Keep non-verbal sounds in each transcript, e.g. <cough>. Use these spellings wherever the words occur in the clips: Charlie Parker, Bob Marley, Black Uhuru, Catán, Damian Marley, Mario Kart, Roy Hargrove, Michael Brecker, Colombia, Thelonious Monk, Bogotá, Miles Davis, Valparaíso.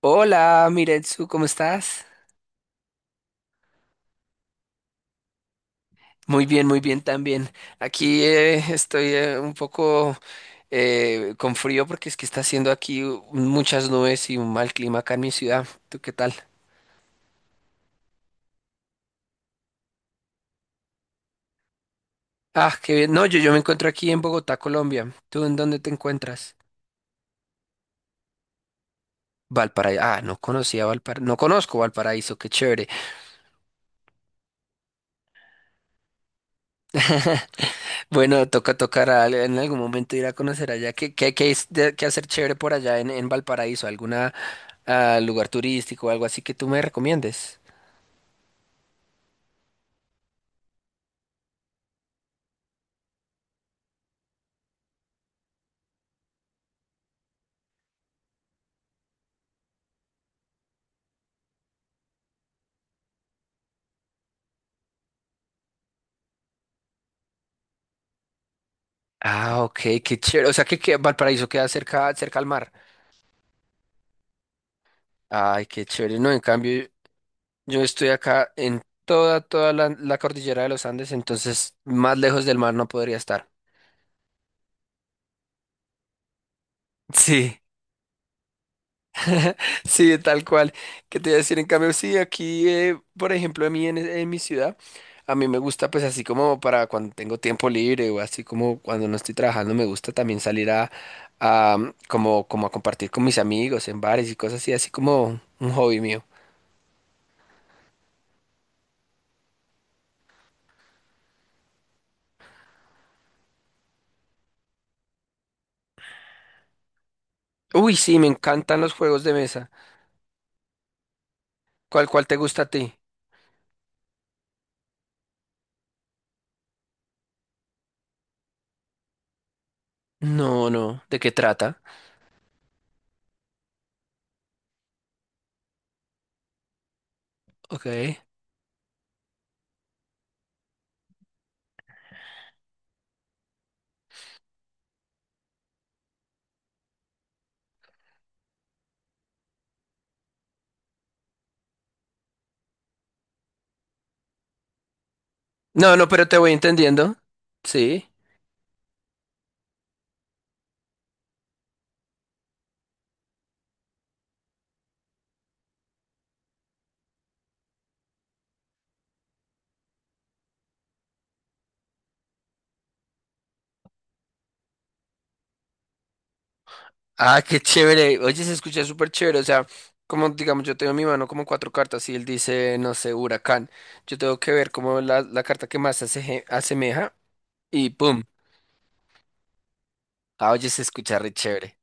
Hola, Miretsu, ¿cómo estás? Muy bien también. Aquí estoy un poco con frío porque es que está haciendo aquí muchas nubes y un mal clima acá en mi ciudad. ¿Tú qué tal? Ah, qué bien. No, yo me encuentro aquí en Bogotá, Colombia. ¿Tú en dónde te encuentras? Valparaíso. Ah, no conocía Valparaíso. No conozco Valparaíso, qué chévere. <laughs> Bueno, toca en algún momento ir a conocer allá. Qué hacer chévere por allá en, Valparaíso? ¿Alguna a lugar turístico o algo así que tú me recomiendes. Ah, ok, qué chévere. O sea que Valparaíso queda cerca, cerca al mar. Ay, qué chévere. No, en cambio, yo estoy acá en toda la cordillera de los Andes, entonces más lejos del mar no podría estar. Sí. Sí, tal cual. ¿Qué te iba a decir? En cambio, sí, aquí, por ejemplo, a mí en mi ciudad, a mí me gusta pues así como para cuando tengo tiempo libre o así como cuando no estoy trabajando, me gusta también salir a, mm, como, como a compartir con mis amigos en bares y cosas así, así como un hobby mío. Uy, sí, me encantan los juegos de mesa. ¿Cuál te gusta a ti? No, no. ¿De qué trata? Ok. No, no, pero te voy entendiendo. Sí. Ah, qué chévere. Oye, se escucha súper chévere. O sea, como digamos, yo tengo en mi mano como cuatro cartas y él dice, no sé, huracán. Yo tengo que ver como la carta que más se asemeja y ¡pum! Ah, oye, se escucha re chévere.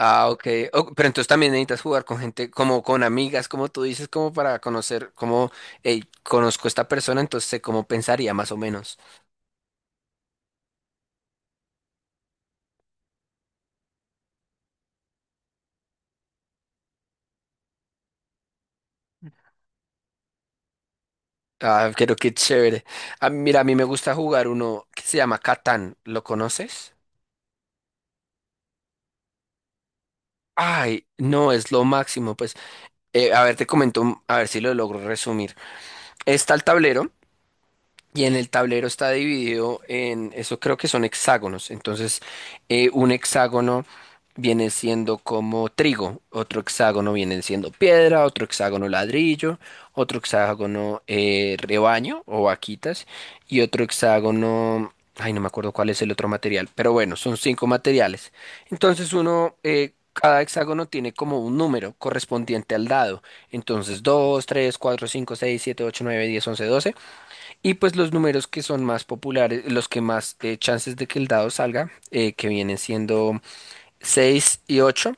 Ah, ok. Oh, pero entonces también necesitas jugar con gente, como con amigas, como tú dices, como para conocer, como, hey, conozco a esta persona, entonces sé cómo pensaría más o menos. Ah, pero qué chévere. Ah, mira, a mí me gusta jugar uno que se llama Catán. ¿Lo conoces? Ay, no, es lo máximo. Pues. A ver, te comento, a ver si lo logro resumir. Está el tablero, y en el tablero está dividido en, eso creo que son hexágonos. Entonces, un hexágono viene siendo como trigo, otro hexágono viene siendo piedra, otro hexágono ladrillo, otro hexágono rebaño o vaquitas y otro hexágono, ay, no me acuerdo cuál es el otro material, pero bueno, son cinco materiales. Entonces cada hexágono tiene como un número correspondiente al dado. Entonces 2 3 4 5 6 7 8 9 10 11 12 y pues los números que son más populares, los que más chances de que el dado salga, que vienen siendo 6 y ocho,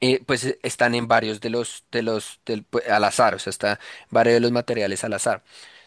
pues están en varios de los, del- pu- al azar, o sea, está en varios de los materiales al azar.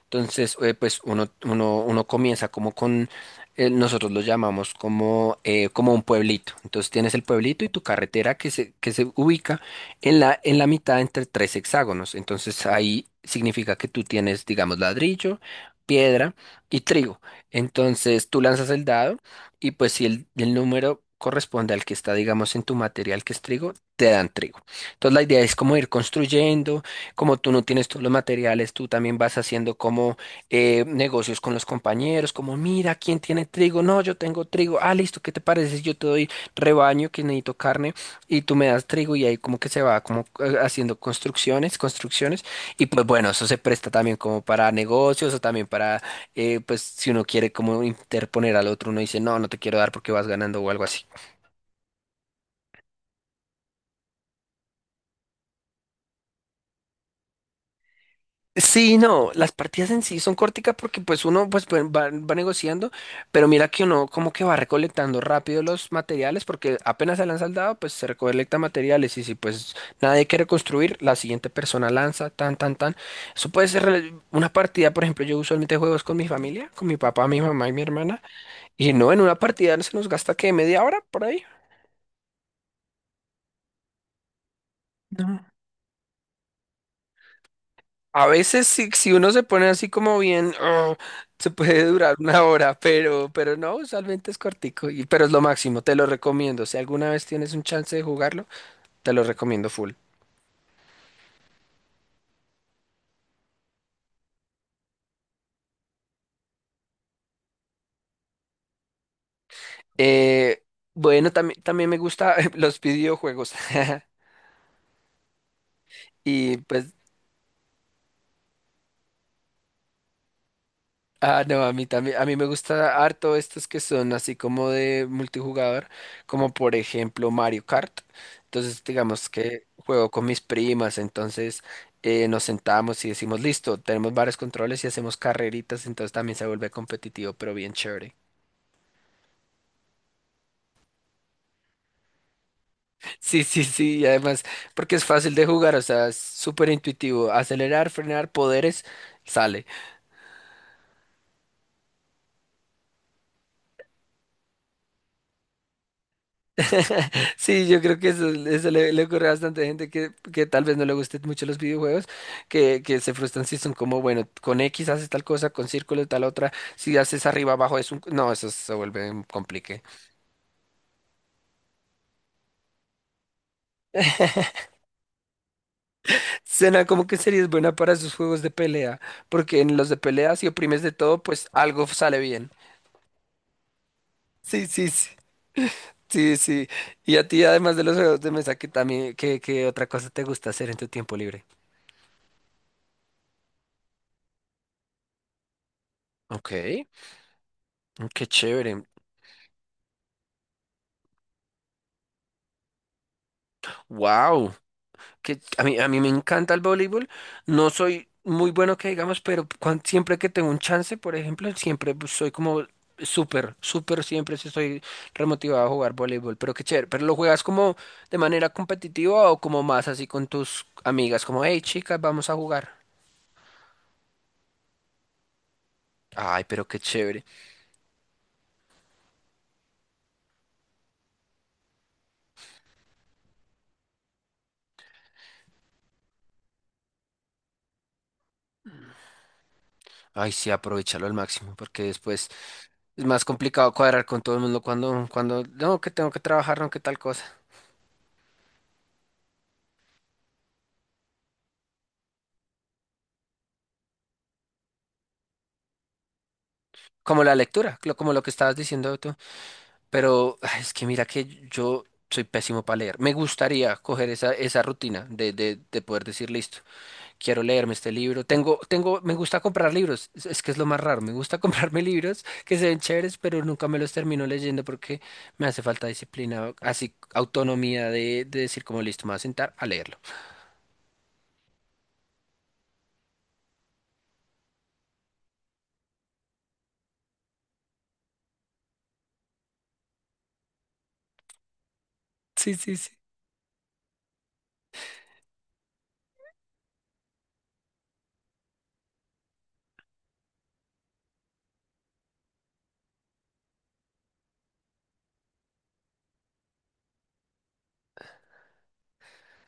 Entonces, pues uno comienza como con, nosotros lo llamamos como un pueblito. Entonces tienes el pueblito y tu carretera que se ubica en la, mitad entre tres hexágonos. Entonces ahí significa que tú tienes, digamos, ladrillo, piedra y trigo. Entonces tú lanzas el dado y pues si el número corresponde al que está, digamos, en tu material que es trigo, te dan trigo. Entonces la idea es como ir construyendo como tú no tienes todos los materiales, tú también vas haciendo como negocios con los compañeros, como mira, ¿quién tiene trigo? No, yo tengo trigo. Ah, listo, ¿qué te parece si yo te doy rebaño que necesito carne y tú me das trigo y ahí como que se va como haciendo construcciones, construcciones y pues bueno, eso se presta también como para negocios o también para pues si uno quiere como interponer al otro, uno dice, no, no te quiero dar porque vas ganando o algo así. Sí, no, las partidas en sí son corticas porque pues uno va negociando, pero mira que uno como que va recolectando rápido los materiales porque apenas se lanza el dado, pues se recolecta materiales y si pues nadie quiere construir, la siguiente persona lanza, tan, tan, tan. Eso puede ser una partida, por ejemplo, yo usualmente juego es con mi familia, con mi papá, mi mamá y mi hermana, y no, en una partida se nos gasta que media hora por ahí. No. A veces si uno se pone así como bien, "Ugh", se puede durar una hora, pero, no, usualmente es cortico, y, pero es lo máximo, te lo recomiendo. Si alguna vez tienes un chance de jugarlo, te lo recomiendo full. Eh, bueno, también me gusta <laughs> los videojuegos. <laughs> Y pues. Ah, no, a mí también, a mí me gusta harto estos que son así como de multijugador, como por ejemplo Mario Kart. Entonces, digamos que juego con mis primas, entonces nos sentamos y decimos, listo, tenemos varios controles y hacemos carreritas, entonces también se vuelve competitivo, pero bien chévere. <laughs> Sí, sí, sí, y además, porque es fácil de jugar, o sea, es súper intuitivo, acelerar, frenar, poderes, sale. Sí, yo creo que eso le ocurre a bastante gente que tal vez no le gusten mucho los videojuegos, que se frustran si son como, bueno, con X haces tal cosa, con círculo tal otra, si haces arriba abajo No, eso se vuelve un complique. Suena como que sería buena para esos juegos de pelea, porque en los de pelea si oprimes de todo, pues algo sale bien. Sí, sí, sí. Sí, sí. Y a ti, además de los juegos de mesa, que también, ¿qué otra cosa te gusta hacer en tu tiempo libre? Ok, qué chévere. Wow. Que a mí me encanta el voleibol. No soy muy bueno que digamos, pero siempre que tengo un chance, por ejemplo, siempre pues, soy como súper, súper, siempre sí estoy remotivado a jugar voleibol. Pero qué chévere. ¿Pero lo juegas como de manera competitiva o como más así con tus amigas? Como, hey, chicas, vamos a jugar. Ay, pero qué chévere. Ay, sí, aprovechalo al máximo, porque después es más complicado cuadrar con todo el mundo cuando, no, que tengo que trabajar, no, que tal cosa. Como la lectura, como lo que estabas diciendo tú. Pero ay, es que mira que yo soy pésimo para leer. Me gustaría coger esa, rutina de poder decir, listo, quiero leerme este libro. Me gusta comprar libros. Es que es lo más raro. Me gusta <laughs> comprarme libros que se ven chéveres, pero nunca me los termino leyendo porque me hace falta disciplina, así autonomía de decir como listo, me voy a sentar a leerlo. <laughs> Sí, sí, sí.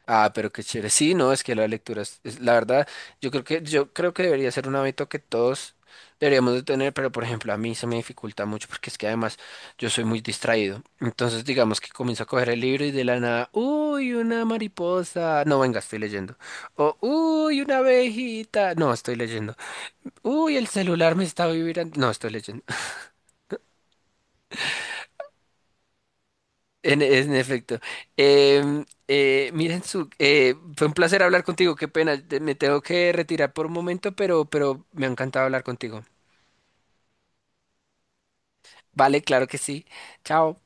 Ah, pero qué chévere. Sí, no, es que la lectura la verdad, yo creo que debería ser un hábito que todos deberíamos de tener, pero por ejemplo, a mí se me dificulta mucho porque es que además yo soy muy distraído. Entonces, digamos que comienzo a coger el libro y de la nada, uy, una mariposa. No, venga, estoy leyendo. O, uy, una abejita. No, estoy leyendo. Uy, el celular me está vibrando. No, estoy leyendo. En efecto. Fue un placer hablar contigo. Qué pena, me tengo que retirar por un momento, pero, me ha encantado hablar contigo. Vale, claro que sí. Chao.